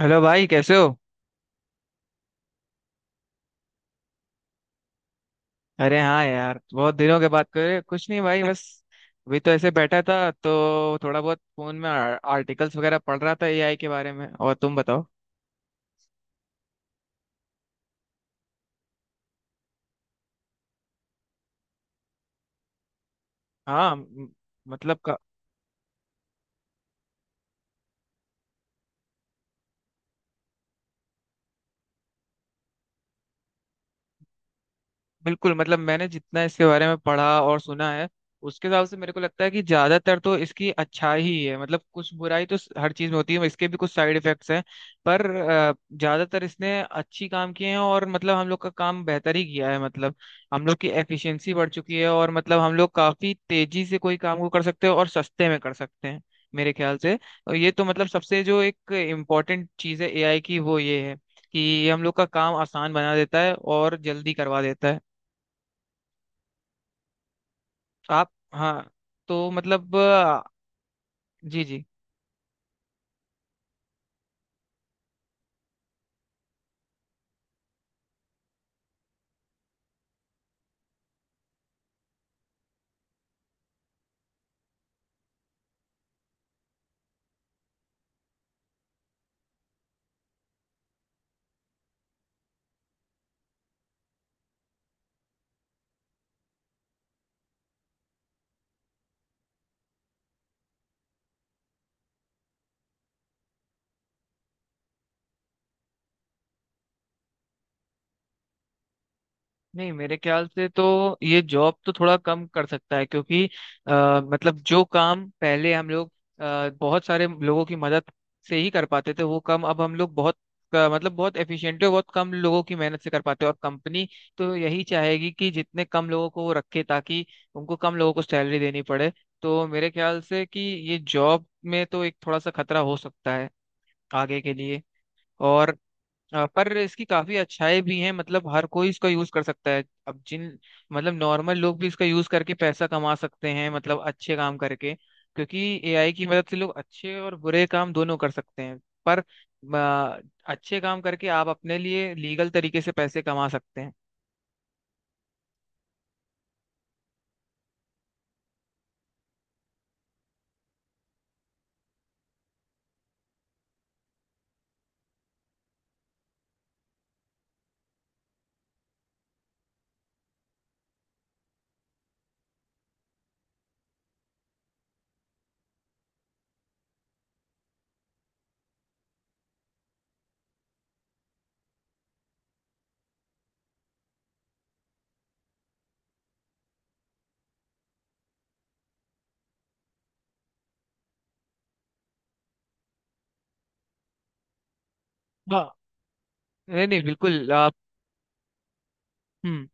Hello भाई, कैसे हो? अरे हाँ यार, बहुत दिनों के बाद। करे कुछ नहीं भाई, बस अभी तो ऐसे बैठा था तो थोड़ा बहुत फोन में आर्टिकल्स वगैरह पढ़ रहा था एआई के बारे में। और तुम बताओ? हाँ। मतलब बिल्कुल। मतलब मैंने जितना इसके बारे में पढ़ा और सुना है, उसके हिसाब से मेरे को लगता है कि ज्यादातर तो इसकी अच्छाई ही है। मतलब कुछ बुराई तो हर चीज में होती है, इसके भी कुछ साइड इफेक्ट्स हैं। पर ज्यादातर इसने अच्छी काम किए हैं और मतलब हम लोग का काम बेहतर ही किया है। मतलब हम लोग की एफिशिएंसी बढ़ चुकी है, और मतलब हम लोग काफी तेजी से कोई काम को कर सकते हैं और सस्ते में कर सकते हैं, मेरे ख्याल से। और ये तो मतलब सबसे जो एक इम्पोर्टेंट चीज है एआई की, वो ये है कि ये हम लोग का काम आसान बना देता है और जल्दी करवा देता है। आप। हाँ। तो मतलब जी जी। नहीं, मेरे ख्याल से तो ये जॉब तो थोड़ा कम कर सकता है, क्योंकि मतलब जो काम पहले हम लोग बहुत सारे लोगों की मदद से ही कर पाते थे, वो काम अब हम लोग बहुत मतलब बहुत एफिशिएंटली और बहुत कम लोगों की मेहनत से कर पाते हैं। और कंपनी तो यही चाहेगी कि जितने कम लोगों को वो रखे, ताकि उनको कम लोगों को सैलरी देनी पड़े। तो मेरे ख्याल से कि ये जॉब में तो एक थोड़ा सा खतरा हो सकता है आगे के लिए। और पर इसकी काफी अच्छाई भी है। मतलब हर कोई इसका यूज कर सकता है, अब जिन मतलब नॉर्मल लोग भी इसका यूज करके पैसा कमा सकते हैं, मतलब अच्छे काम करके। क्योंकि एआई की मदद से लोग अच्छे और बुरे काम दोनों कर सकते हैं। पर अच्छे काम करके आप अपने लिए लीगल तरीके से पैसे कमा सकते हैं। हाँ। नहीं, नहीं, बिल्कुल आप। हम्म।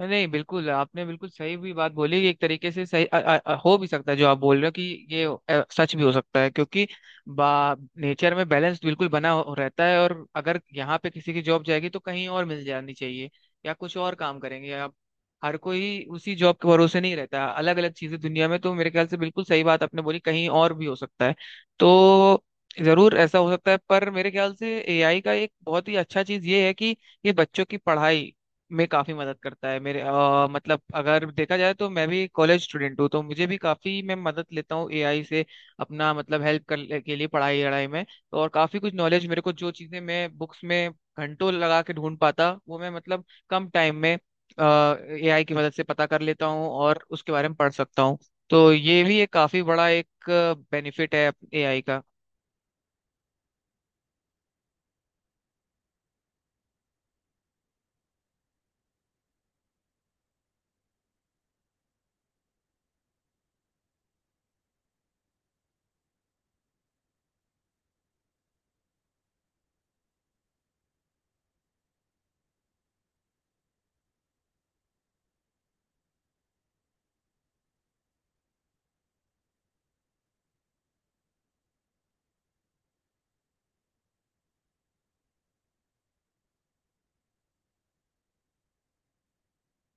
नहीं, बिल्कुल आपने बिल्कुल सही भी बात बोली, एक तरीके से सही। हो भी सकता है जो आप बोल रहे हो कि ये सच भी हो सकता है। क्योंकि बा नेचर में बैलेंस बिल्कुल रहता है। और अगर यहाँ पे किसी की जॉब जाएगी तो कहीं और मिल जानी चाहिए, या कुछ और काम करेंगे आप। हर कोई उसी जॉब के भरोसे नहीं रहता, अलग अलग चीजें दुनिया में। तो मेरे ख्याल से बिल्कुल सही बात आपने बोली, कहीं और भी हो सकता है। तो जरूर ऐसा हो सकता है, पर मेरे ख्याल से एआई का एक बहुत ही अच्छा चीज ये है कि ये बच्चों की पढ़ाई में काफी मदद करता है। मेरे मतलब अगर देखा जाए तो मैं भी कॉलेज स्टूडेंट हूँ, तो मुझे भी काफी मैं मदद लेता हूँ एआई से, अपना मतलब हेल्प करने के लिए पढ़ाई लड़ाई में। तो और काफी कुछ नॉलेज मेरे को, जो चीजें मैं बुक्स में घंटों लगा के ढूंढ पाता, वो मैं मतलब कम टाइम में एआई की मदद से पता कर लेता हूँ और उसके बारे में पढ़ सकता हूँ। तो ये भी एक काफी बड़ा एक बेनिफिट है एआई का।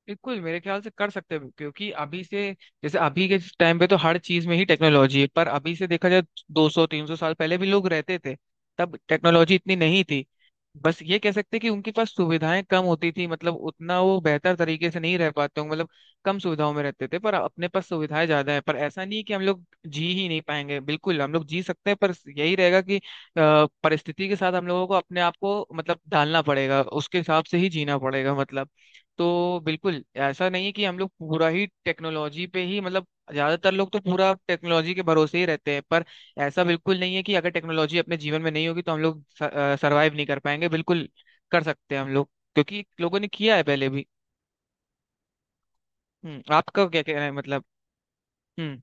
बिल्कुल, मेरे ख्याल से कर सकते हैं। क्योंकि अभी से जैसे अभी के टाइम पे तो हर चीज में ही टेक्नोलॉजी है, पर अभी से देखा जाए, 200 300 साल पहले भी लोग रहते थे, तब टेक्नोलॉजी इतनी नहीं थी। बस ये कह सकते हैं कि उनके पास सुविधाएं कम होती थी, मतलब उतना वो बेहतर तरीके से नहीं रह पाते होंगे। मतलब कम सुविधाओं में रहते थे, पर अपने पास सुविधाएं ज्यादा है। पर ऐसा नहीं है कि हम लोग जी ही नहीं पाएंगे, बिल्कुल हम लोग जी सकते हैं। पर यही रहेगा कि परिस्थिति के साथ हम लोगों को अपने आप को मतलब ढालना पड़ेगा, उसके हिसाब से ही जीना पड़ेगा मतलब। तो बिल्कुल ऐसा नहीं है कि हम लोग पूरा ही टेक्नोलॉजी पे ही मतलब, ज्यादातर लोग तो पूरा टेक्नोलॉजी के भरोसे ही रहते हैं। पर ऐसा बिल्कुल नहीं है कि अगर टेक्नोलॉजी अपने जीवन में नहीं होगी तो हम लोग सरवाइव नहीं कर पाएंगे, बिल्कुल कर सकते हैं हम लोग। क्योंकि लोगों ने किया है पहले भी। हम्म। आपका क्या कहना है मतलब? हम्म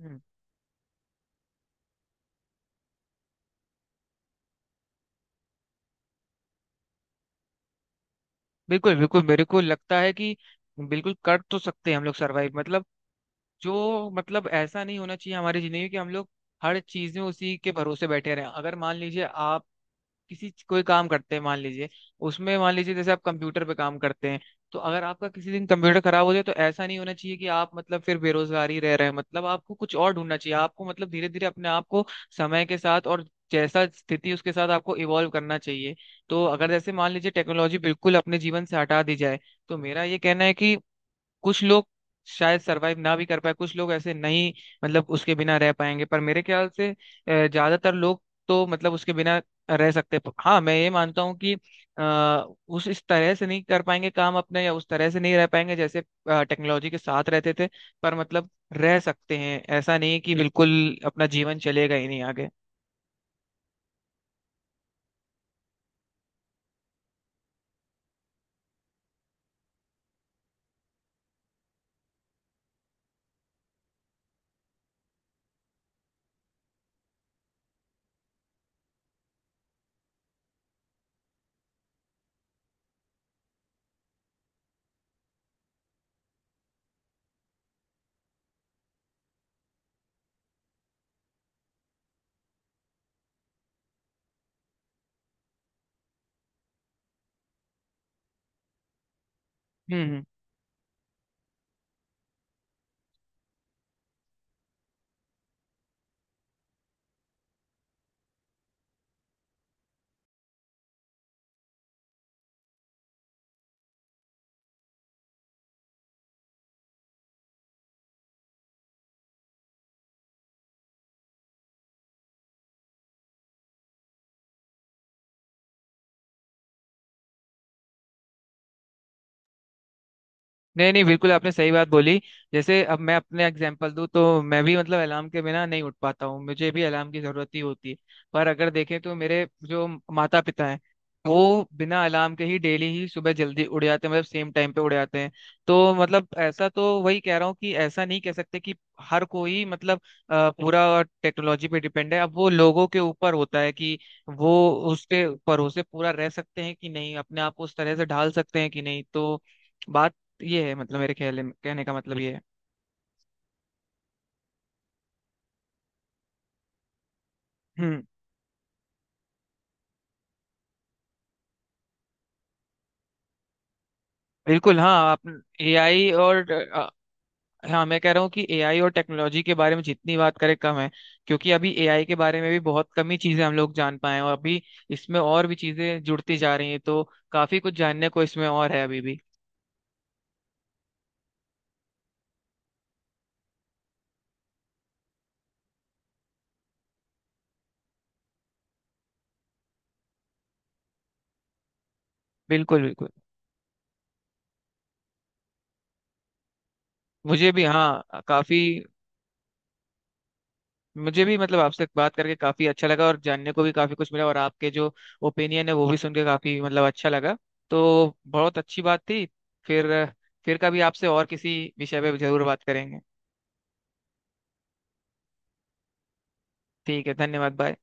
हम्म, बिल्कुल बिल्कुल मेरे को लगता है कि बिल्कुल कर तो सकते हैं हम लोग सरवाइव। मतलब जो मतलब ऐसा नहीं होना चाहिए हमारी जिंदगी में कि हम लोग हर चीज में उसी के भरोसे बैठे रहें। अगर मान लीजिए आप कोई काम करते हैं मान लीजिए, उसमें मान लीजिए जैसे आप कंप्यूटर पे काम करते हैं। तो अगर आपका किसी दिन कंप्यूटर खराब हो जाए, तो ऐसा नहीं होना चाहिए कि आप मतलब फिर बेरोजगार ही रह रहे हैं। मतलब आपको कुछ और ढूंढना चाहिए, आपको मतलब धीरे धीरे अपने आप को समय के साथ और जैसा स्थिति, उसके साथ आपको इवॉल्व करना चाहिए। तो अगर जैसे मान लीजिए टेक्नोलॉजी बिल्कुल अपने जीवन से हटा दी जाए, तो मेरा ये कहना है कि कुछ लोग शायद सरवाइव ना भी कर पाए, कुछ लोग ऐसे नहीं मतलब उसके बिना रह पाएंगे। पर मेरे ख्याल से ज्यादातर लोग तो मतलब उसके बिना रह सकते हैं। हाँ, मैं ये मानता हूँ कि आ, उस इस तरह से नहीं कर पाएंगे काम अपने, या उस तरह से नहीं रह पाएंगे जैसे टेक्नोलॉजी के साथ रहते थे। पर मतलब रह सकते हैं, ऐसा नहीं है कि बिल्कुल अपना जीवन चलेगा ही नहीं आगे। हम्म, नहीं, नहीं, बिल्कुल आपने सही बात बोली। जैसे अब मैं अपने एग्जांपल दूं, तो मैं भी मतलब अलार्म के बिना नहीं उठ पाता हूँ, मुझे भी अलार्म की जरूरत ही होती है। पर अगर देखें तो मेरे जो माता पिता हैं, वो बिना अलार्म के ही डेली ही सुबह जल्दी उड़ जाते हैं, मतलब सेम टाइम पे उड़ जाते हैं। तो मतलब ऐसा, तो वही कह रहा हूँ कि ऐसा नहीं कह सकते कि हर कोई मतलब पूरा टेक्नोलॉजी पे डिपेंड है। अब वो लोगों के ऊपर होता है कि वो उसके भरोसे पूरा रह सकते हैं कि नहीं, अपने आप को उस तरह से ढाल सकते हैं कि नहीं। तो बात ये है, मतलब मेरे ख्याल में कहने का मतलब ये है। हम्म, बिल्कुल हाँ आप। एआई और हाँ मैं कह रहा हूँ कि एआई और टेक्नोलॉजी के बारे में जितनी बात करें कम है। क्योंकि अभी एआई के बारे में भी बहुत कम ही चीजें हम लोग जान पाए हैं, और अभी इसमें और भी चीजें जुड़ती जा रही हैं। तो काफी कुछ जानने को इसमें और है अभी भी। बिल्कुल बिल्कुल। मुझे भी हाँ, काफी मुझे भी मतलब आपसे बात करके काफी अच्छा लगा, और जानने को भी काफी कुछ मिला। और आपके जो ओपिनियन है, वो भी सुन के काफी मतलब अच्छा लगा। तो बहुत अच्छी बात थी। फिर फिर कभी आपसे और किसी विषय पे जरूर बात करेंगे। ठीक है, धन्यवाद। बाय।